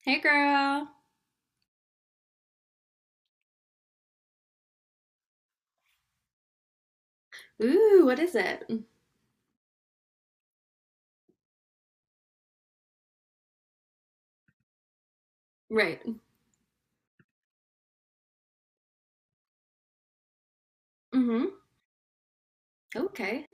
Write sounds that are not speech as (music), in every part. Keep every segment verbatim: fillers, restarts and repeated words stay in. Hey, girl. Ooh, what is it? Right. Mm-hmm. Okay.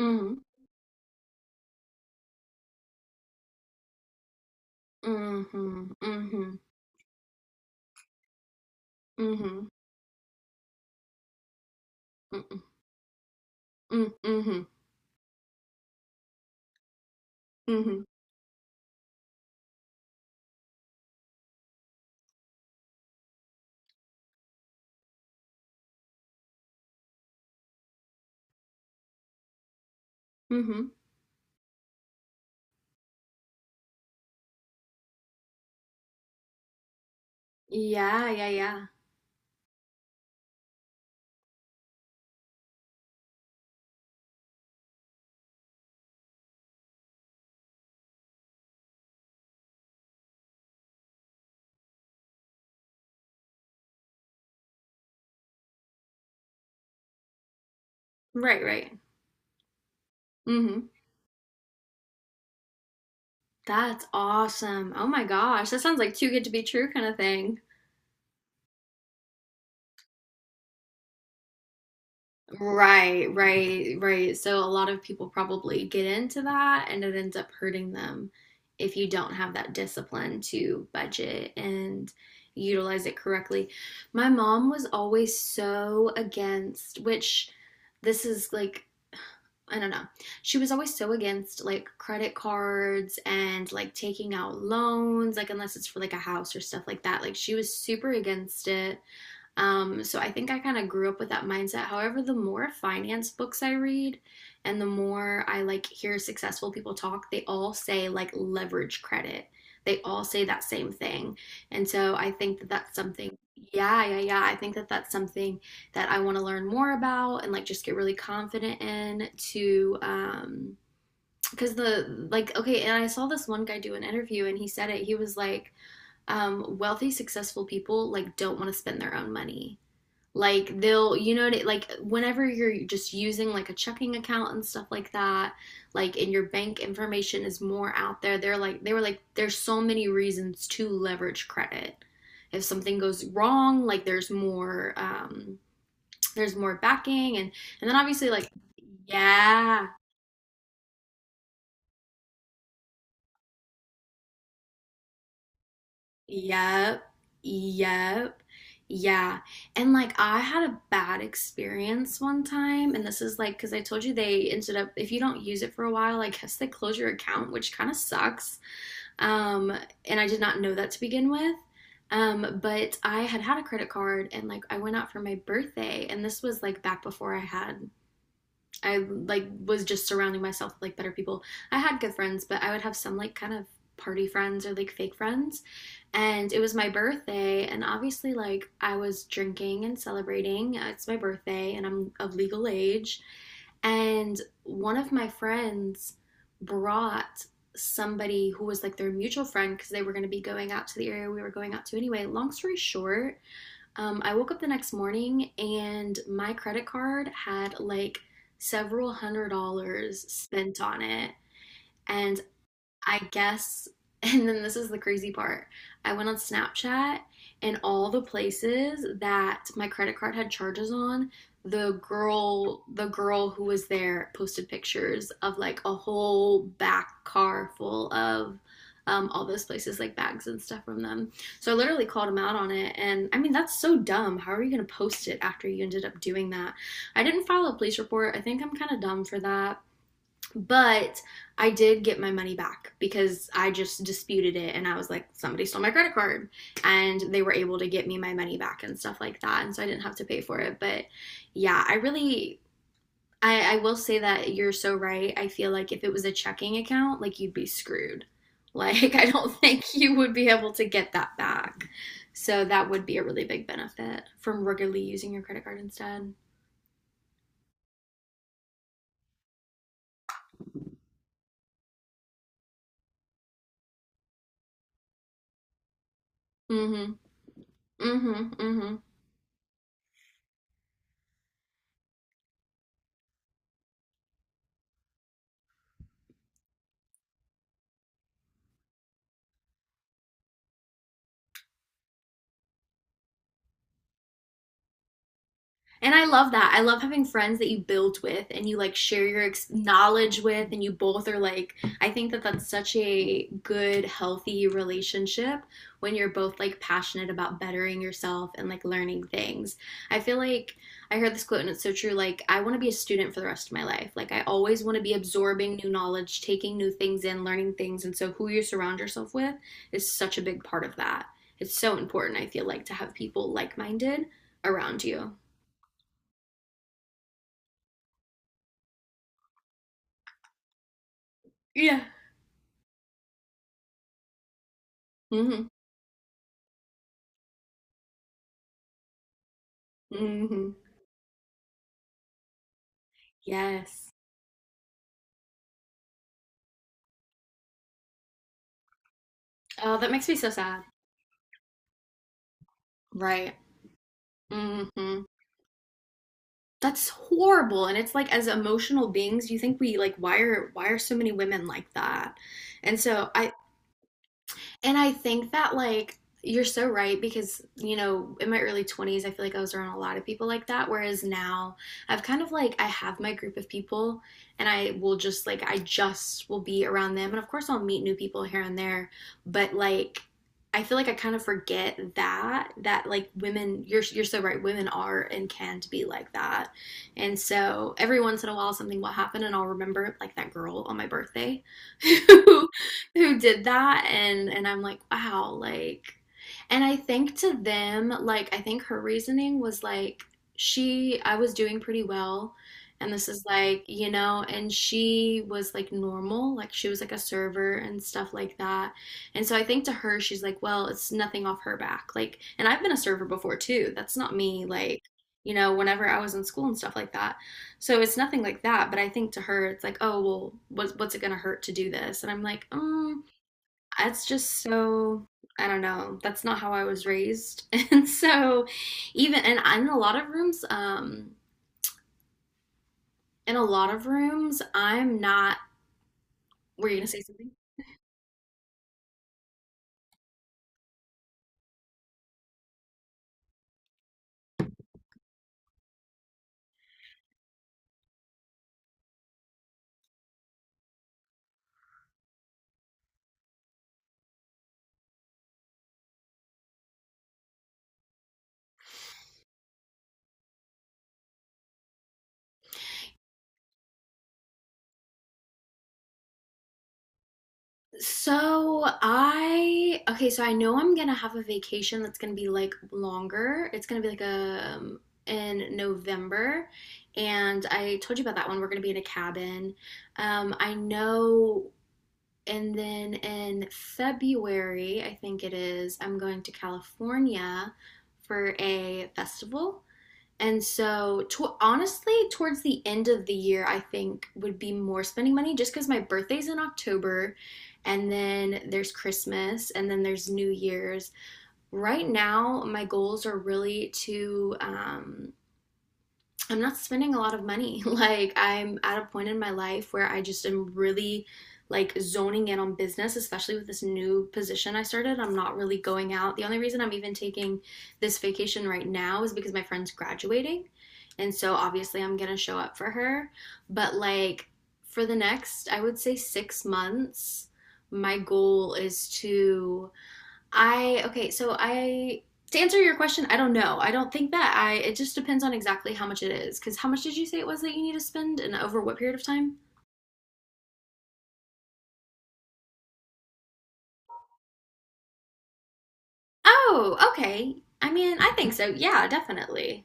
Mm-hmm. Mm-hmm. Mm-hmm. Mm-hmm. Mm-hmm. Mm-hmm. Mm-hmm. Mm-hmm. Yeah, yeah, yeah. Right, right. Mm-hmm. That's awesome. Oh my gosh. That sounds like too good to be true kind of thing. Right, right, right. So a lot of people probably get into that and it ends up hurting them if you don't have that discipline to budget and utilize it correctly. My mom was always so against, which this is like, I don't know. She was always so against like credit cards and like taking out loans, like unless it's for like a house or stuff like that. Like she was super against it, um, so I think I kind of grew up with that mindset. However, the more finance books I read and the more I like hear successful people talk, they all say like leverage credit. They all say that same thing. And so I think that that's something, yeah, yeah, yeah. I think that that's something that I want to learn more about and like just get really confident in to, um, because the like okay, and I saw this one guy do an interview and he said it, he was like, um, wealthy successful people like don't want to spend their own money. Like they'll, you know, like whenever you're just using like a checking account and stuff like that, like and your bank information is more out there, they're like, they were like, there's so many reasons to leverage credit. If something goes wrong, like there's more um there's more backing. And and then obviously like, yeah. Yep. Yep. Yeah. And like I had a bad experience one time, and this is like because I told you, they ended up, if you don't use it for a while, I guess they close your account, which kind of sucks. Um, and I did not know that to begin with. Um, but I had had a credit card, and like I went out for my birthday, and this was like back before I had, I like was just surrounding myself with like better people. I had good friends, but I would have some like kind of party friends or like fake friends. And it was my birthday, and obviously, like, I was drinking and celebrating. Uh, It's my birthday, and I'm of legal age. And one of my friends brought somebody who was like their mutual friend because they were going to be going out to the area we were going out to anyway. Long story short, um, I woke up the next morning and my credit card had like several hundred dollars spent on it. And I guess, (laughs) and then this is the crazy part. I went on Snapchat, and all the places that my credit card had charges on, the girl, the girl who was there posted pictures of like a whole back car full of, um, all those places, like bags and stuff from them. So I literally called him out on it. And I mean, that's so dumb. How are you going to post it after you ended up doing that? I didn't file a police report. I think I'm kind of dumb for that. But I did get my money back because I just disputed it, and I was like, somebody stole my credit card. And they were able to get me my money back and stuff like that. And so I didn't have to pay for it. But yeah, I really, I, I will say that you're so right. I feel like if it was a checking account, like you'd be screwed. Like, (laughs) I don't think you would be able to get that back. So that would be a really big benefit from regularly using your credit card instead. Mm hmm. Mm hmm. Mm hmm. And I love that. I love having friends that you build with and you like share your ex- knowledge with, and you both are like, I think that that's such a good, healthy relationship when you're both like passionate about bettering yourself and like learning things. I feel like I heard this quote and it's so true. Like, I want to be a student for the rest of my life. Like, I always want to be absorbing new knowledge, taking new things in, learning things. And so, who you surround yourself with is such a big part of that. It's so important, I feel like, to have people like minded around you. Yeah. Mhm. Mhm. Yes. Oh, that makes me so sad. Right. Mhm. That's horrible. And it's like as emotional beings, you think we like, why are why are so many women like that? And so I, and I think that like you're so right, because you know in my early twenties I feel like I was around a lot of people like that, whereas now I've kind of like, I have my group of people and I will just like, I just will be around them, and of course I'll meet new people here and there, but like I feel like I kind of forget that, that like women, you're you're so right, women are and can be like that. And so every once in a while something will happen and I'll remember like that girl on my birthday who (laughs) (laughs) who did that. And and I'm like, wow, like, and I think to them, like I think her reasoning was like, she, I was doing pretty well, and this is like, you know, and she was like normal, like she was like a server and stuff like that. And so I think to her she's like, well, it's nothing off her back. Like, and I've been a server before too. That's not me, like, you know, whenever I was in school and stuff like that. So it's nothing like that, but I think to her it's like, oh well, what's what's it gonna hurt to do this? And I'm like, um, it's just so, I don't know. That's not how I was raised, (laughs) and so, even and in a lot of rooms, um, in a lot of rooms, I'm not. Were you gonna say something? So I, okay, so I know I'm gonna have a vacation that's gonna be like longer. It's gonna be like a, um in November, and I told you about that one. We're gonna be in a cabin. Um, I know, and then in February, I think it is, I'm going to California for a festival. And so, to- honestly, towards the end of the year, I think would be more spending money just because my birthday's in October, and then there's Christmas, and then there's New Year's. Right now, my goals are really to, um, I'm not spending a lot of money. (laughs) Like I'm at a point in my life where I just am really like zoning in on business, especially with this new position I started. I'm not really going out. The only reason I'm even taking this vacation right now is because my friend's graduating. And so obviously I'm going to show up for her, but like for the next, I would say six months, my goal is to, I okay, so I, to answer your question, I don't know. I don't think that I, it just depends on exactly how much it is, cuz how much did you say it was that you need to spend and over what period of time? Oh, okay. I mean, I think so. Yeah, definitely.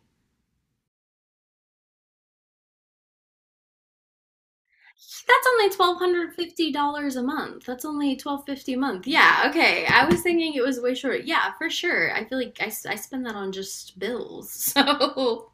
That's only twelve hundred fifty dollars a month. That's only twelve hundred fifty a month. Yeah, okay. I was thinking it was way short. Yeah, for sure. I feel like I, s- I spend that on just bills. (laughs) So,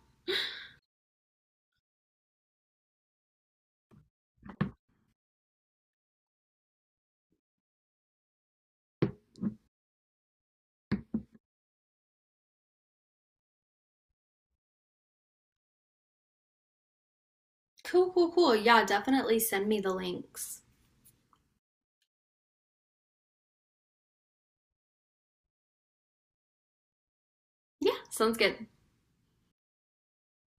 cool, cool, cool. Yeah, definitely send me the links. Yeah, sounds good.